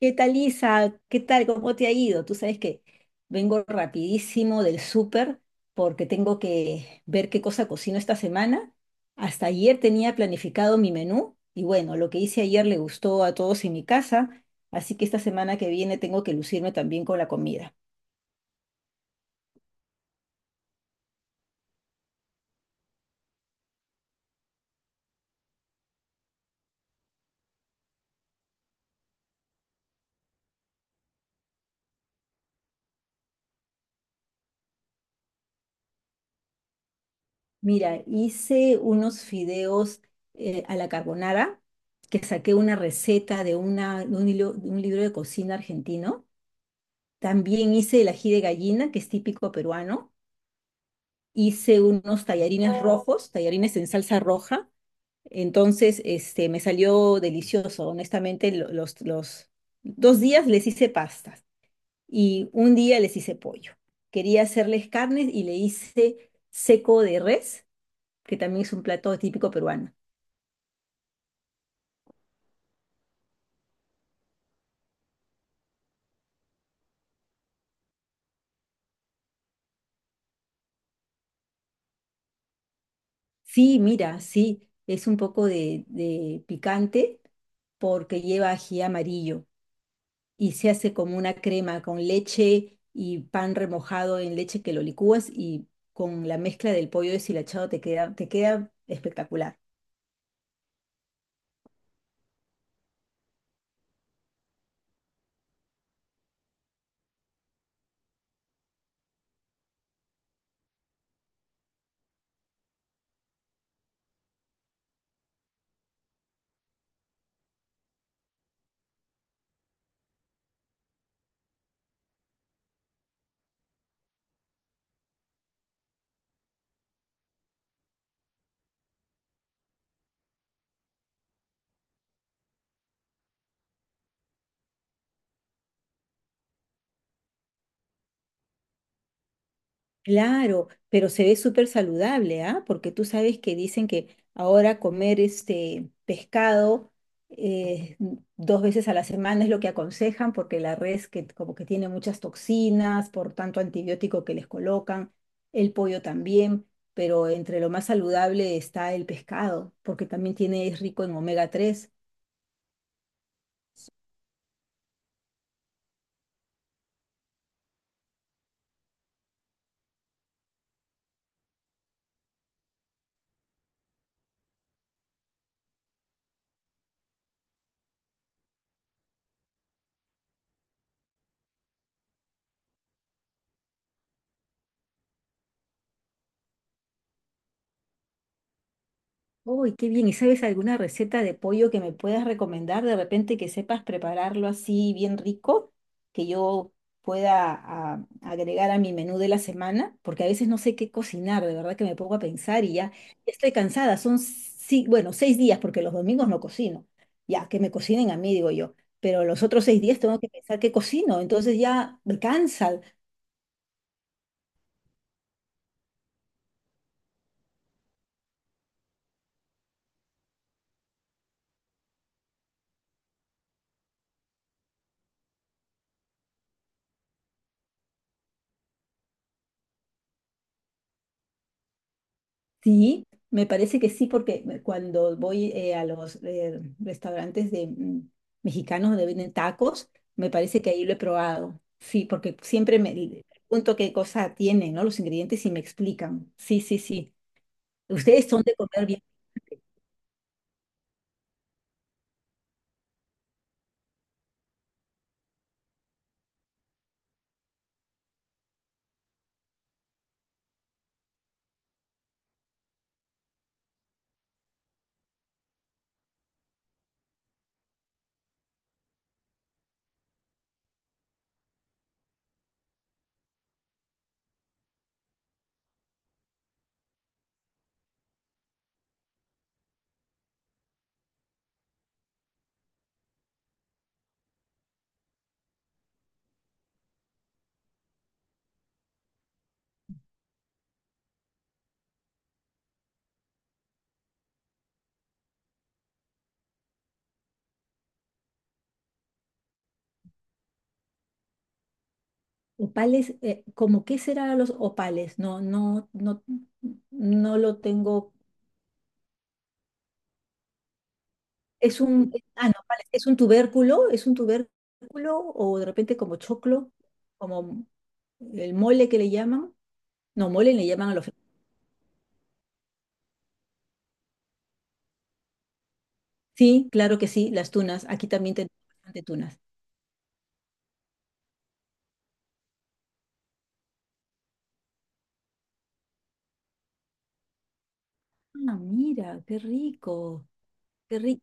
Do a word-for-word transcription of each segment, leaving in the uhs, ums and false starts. ¿Qué tal, Isa? ¿Qué tal? ¿Cómo te ha ido? Tú sabes que vengo rapidísimo del súper porque tengo que ver qué cosa cocino esta semana. Hasta ayer tenía planificado mi menú y bueno, lo que hice ayer le gustó a todos en mi casa, así que esta semana que viene tengo que lucirme también con la comida. Mira, hice unos fideos eh, a la carbonara que saqué una receta de, una, de un hilo- de un libro de cocina argentino. También hice el ají de gallina, que es típico peruano. Hice unos tallarines rojos, tallarines en salsa roja. Entonces, este, me salió delicioso. Honestamente, lo- los, los dos días les hice pastas y un día les hice pollo. Quería hacerles carnes y le hice seco de res, que también es un plato típico peruano. Sí, mira, sí, es un poco de, de picante porque lleva ají amarillo. Y se hace como una crema con leche y pan remojado en leche que lo licúas y con la mezcla del pollo deshilachado te queda, te queda espectacular. Claro, pero se ve súper saludable, ¿ah? Porque tú sabes que dicen que ahora comer este pescado eh, n- dos veces a la semana es lo que aconsejan, porque la res que como que tiene muchas toxinas, por tanto antibiótico que les colocan, el pollo también, pero entre lo más saludable está el pescado, porque también tiene, es rico en omega tres. Uy, qué bien. ¿Y sabes alguna receta de pollo que me puedas recomendar de repente que sepas prepararlo así bien rico, que yo pueda ah, agregar a mi menú de la semana? Porque a veces no sé qué cocinar, de verdad que me pongo a pensar y ya estoy cansada. Son, sí, bueno, seis días porque los domingos no cocino. Ya, que me cocinen a mí, digo yo. Pero los otros seis días tengo que pensar qué cocino. Entonces ya me cansa. Sí, me parece que sí, porque me- cuando voy eh, a los eh, restaurantes de mm, mexicanos donde venden tacos, me parece que ahí lo he probado. Sí, porque siempre me pregunto qué cosa tienen, ¿no? Los ingredientes y me explican. Sí, sí, sí. Ustedes son de comer bien. Opales, eh, ¿cómo qué será los opales? No, no, no, no lo tengo. Es un, eh, ah, no, opales, es un tubérculo, es un tubérculo o de repente como choclo, como el mole que le llaman. No, mole le llaman a los... Sí, claro que sí, las tunas. Aquí también tenemos bastante tunas. Ah, mira, qué rico, qué rico.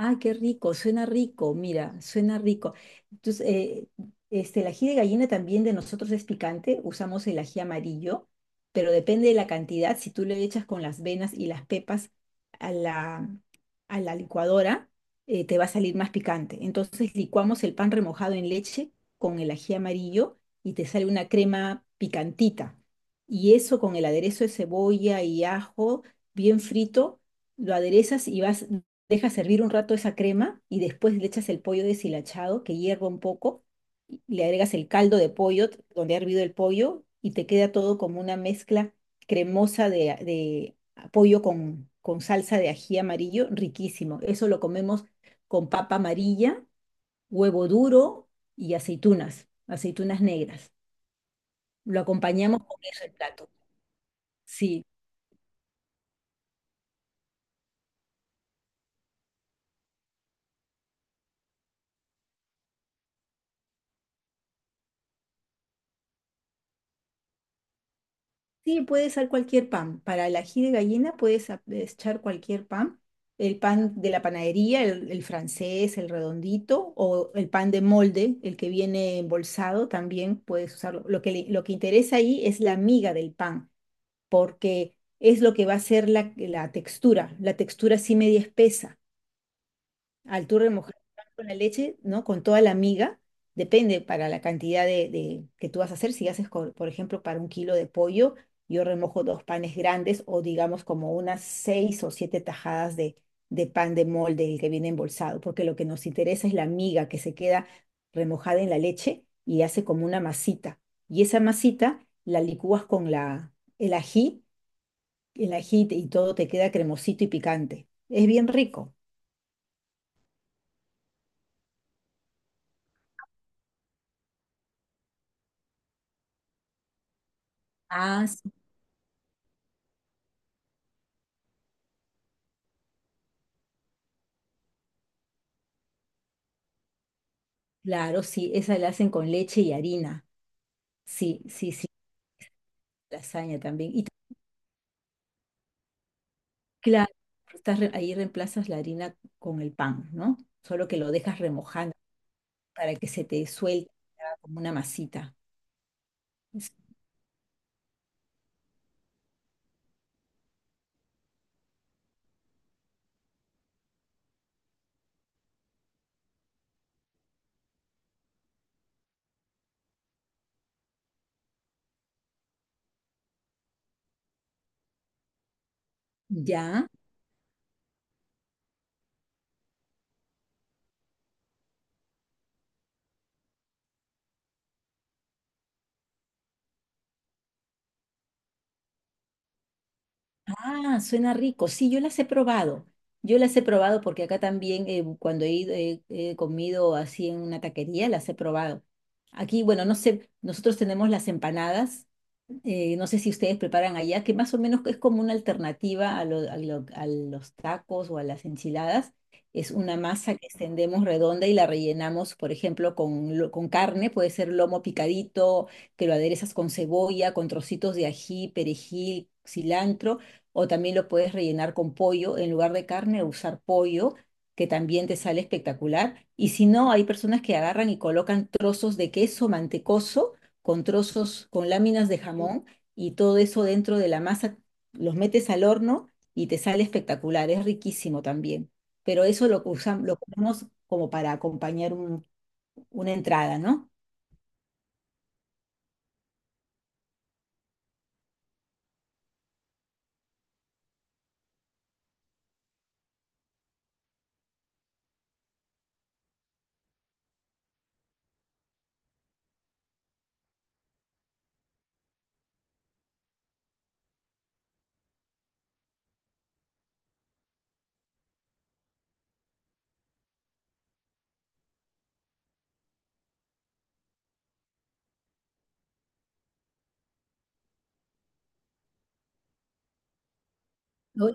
Ay, qué rico, suena rico, mira, suena rico. Entonces, eh, este, el ají de gallina también de nosotros es picante, usamos el ají amarillo, pero depende de la cantidad. Si tú le echas con las venas y las pepas a la, a la licuadora, eh, te va a salir más picante. Entonces, licuamos el pan remojado en leche con el ají amarillo y te sale una crema picantita. Y eso con el aderezo de cebolla y ajo bien frito lo aderezas y vas dejas hervir un rato esa crema y después le echas el pollo deshilachado que hierva un poco, y le agregas el caldo de pollo t- donde ha hervido el pollo y te queda todo como una mezcla cremosa de, a- de a- pollo con, con salsa de ají amarillo, riquísimo. Eso lo comemos con papa amarilla, huevo duro y aceitunas, aceitunas negras. Lo acompañamos con eso el plato. Sí. Sí, puede ser cualquier pan. Para el ají de gallina puedes a- echar cualquier pan. El pan de la panadería, el, el francés, el redondito, o el pan de molde, el que viene embolsado, también puedes usarlo. Lo que, le- lo que interesa ahí es la miga del pan, porque es lo que va a ser la, la textura, la textura así media espesa. Al tú remojar el pan con la leche, ¿no? Con toda la miga, depende para la cantidad de, de- que tú vas a hacer. Si haces, co- por ejemplo, para un kilo de pollo, yo remojo dos panes grandes o digamos como unas seis o siete tajadas de, de pan de molde el que viene embolsado, porque lo que nos interesa es la miga que se queda remojada en la leche y hace como una masita. Y esa masita la licúas con la, el ají, el ají y todo te queda cremosito y picante. Es bien rico. Ah, claro, sí, esa la hacen con leche y harina. Sí, sí, sí, lasaña también. Y claro, estás re- ahí reemplazas la harina con el pan, ¿no? Solo que lo dejas remojando para que se te suelte se haga como una masita. Es- ¿Ya? Ah, suena rico. Sí, yo las he probado. Yo las he probado porque acá también eh, cuando he ido, he he comido así en una taquería, las he probado. Aquí, bueno, no sé, nosotros tenemos las empanadas eh, no sé si ustedes preparan allá, que más o menos es como una alternativa a, lo- a lo- a los tacos o a las enchiladas. Es una masa que extendemos redonda y la rellenamos, por ejemplo, con, lo- con carne, puede ser lomo picadito, que lo aderezas con cebolla, con trocitos de ají, perejil, cilantro, o también lo puedes rellenar con pollo, en lugar de carne, usar pollo, que también te sale espectacular. Y si no, hay personas que agarran y colocan trozos de queso mantecoso con trozos, con láminas de jamón y todo eso dentro de la masa, los metes al horno y te sale espectacular, es riquísimo también. Pero eso lo usamos, lo comemos como para acompañar un- una entrada, ¿no? Lo-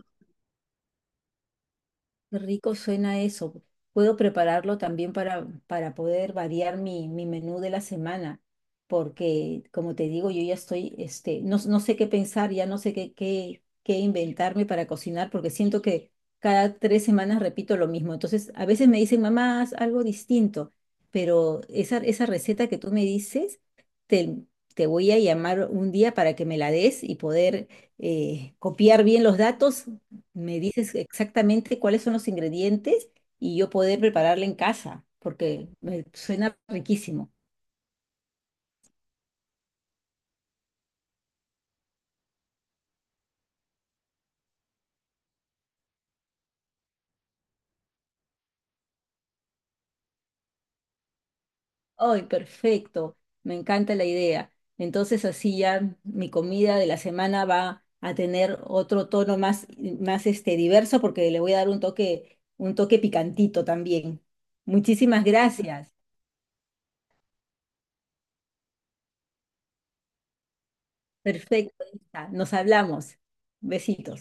Qué rico suena eso. Puedo prepararlo también para, para poder variar mi, mi menú de la semana, porque como te digo, yo ya estoy, este, no, no sé qué pensar, ya no sé qué, qué, qué inventarme para cocinar, porque siento que cada tres semanas repito lo mismo. Entonces, a veces me dicen, mamá, haz algo distinto, pero esa, esa receta que tú me dices, te, te voy a llamar un día para que me la des y poder eh, copiar bien los datos me dices exactamente cuáles son los ingredientes y yo poder prepararla en casa, porque me suena riquísimo. ¡Ay, perfecto! Me encanta la idea. Entonces así ya mi comida de la semana va a tener otro tono más, más este, diverso porque le voy a dar un toque, un toque picantito también. Muchísimas gracias. Perfecto, Isa. Nos hablamos. Besitos.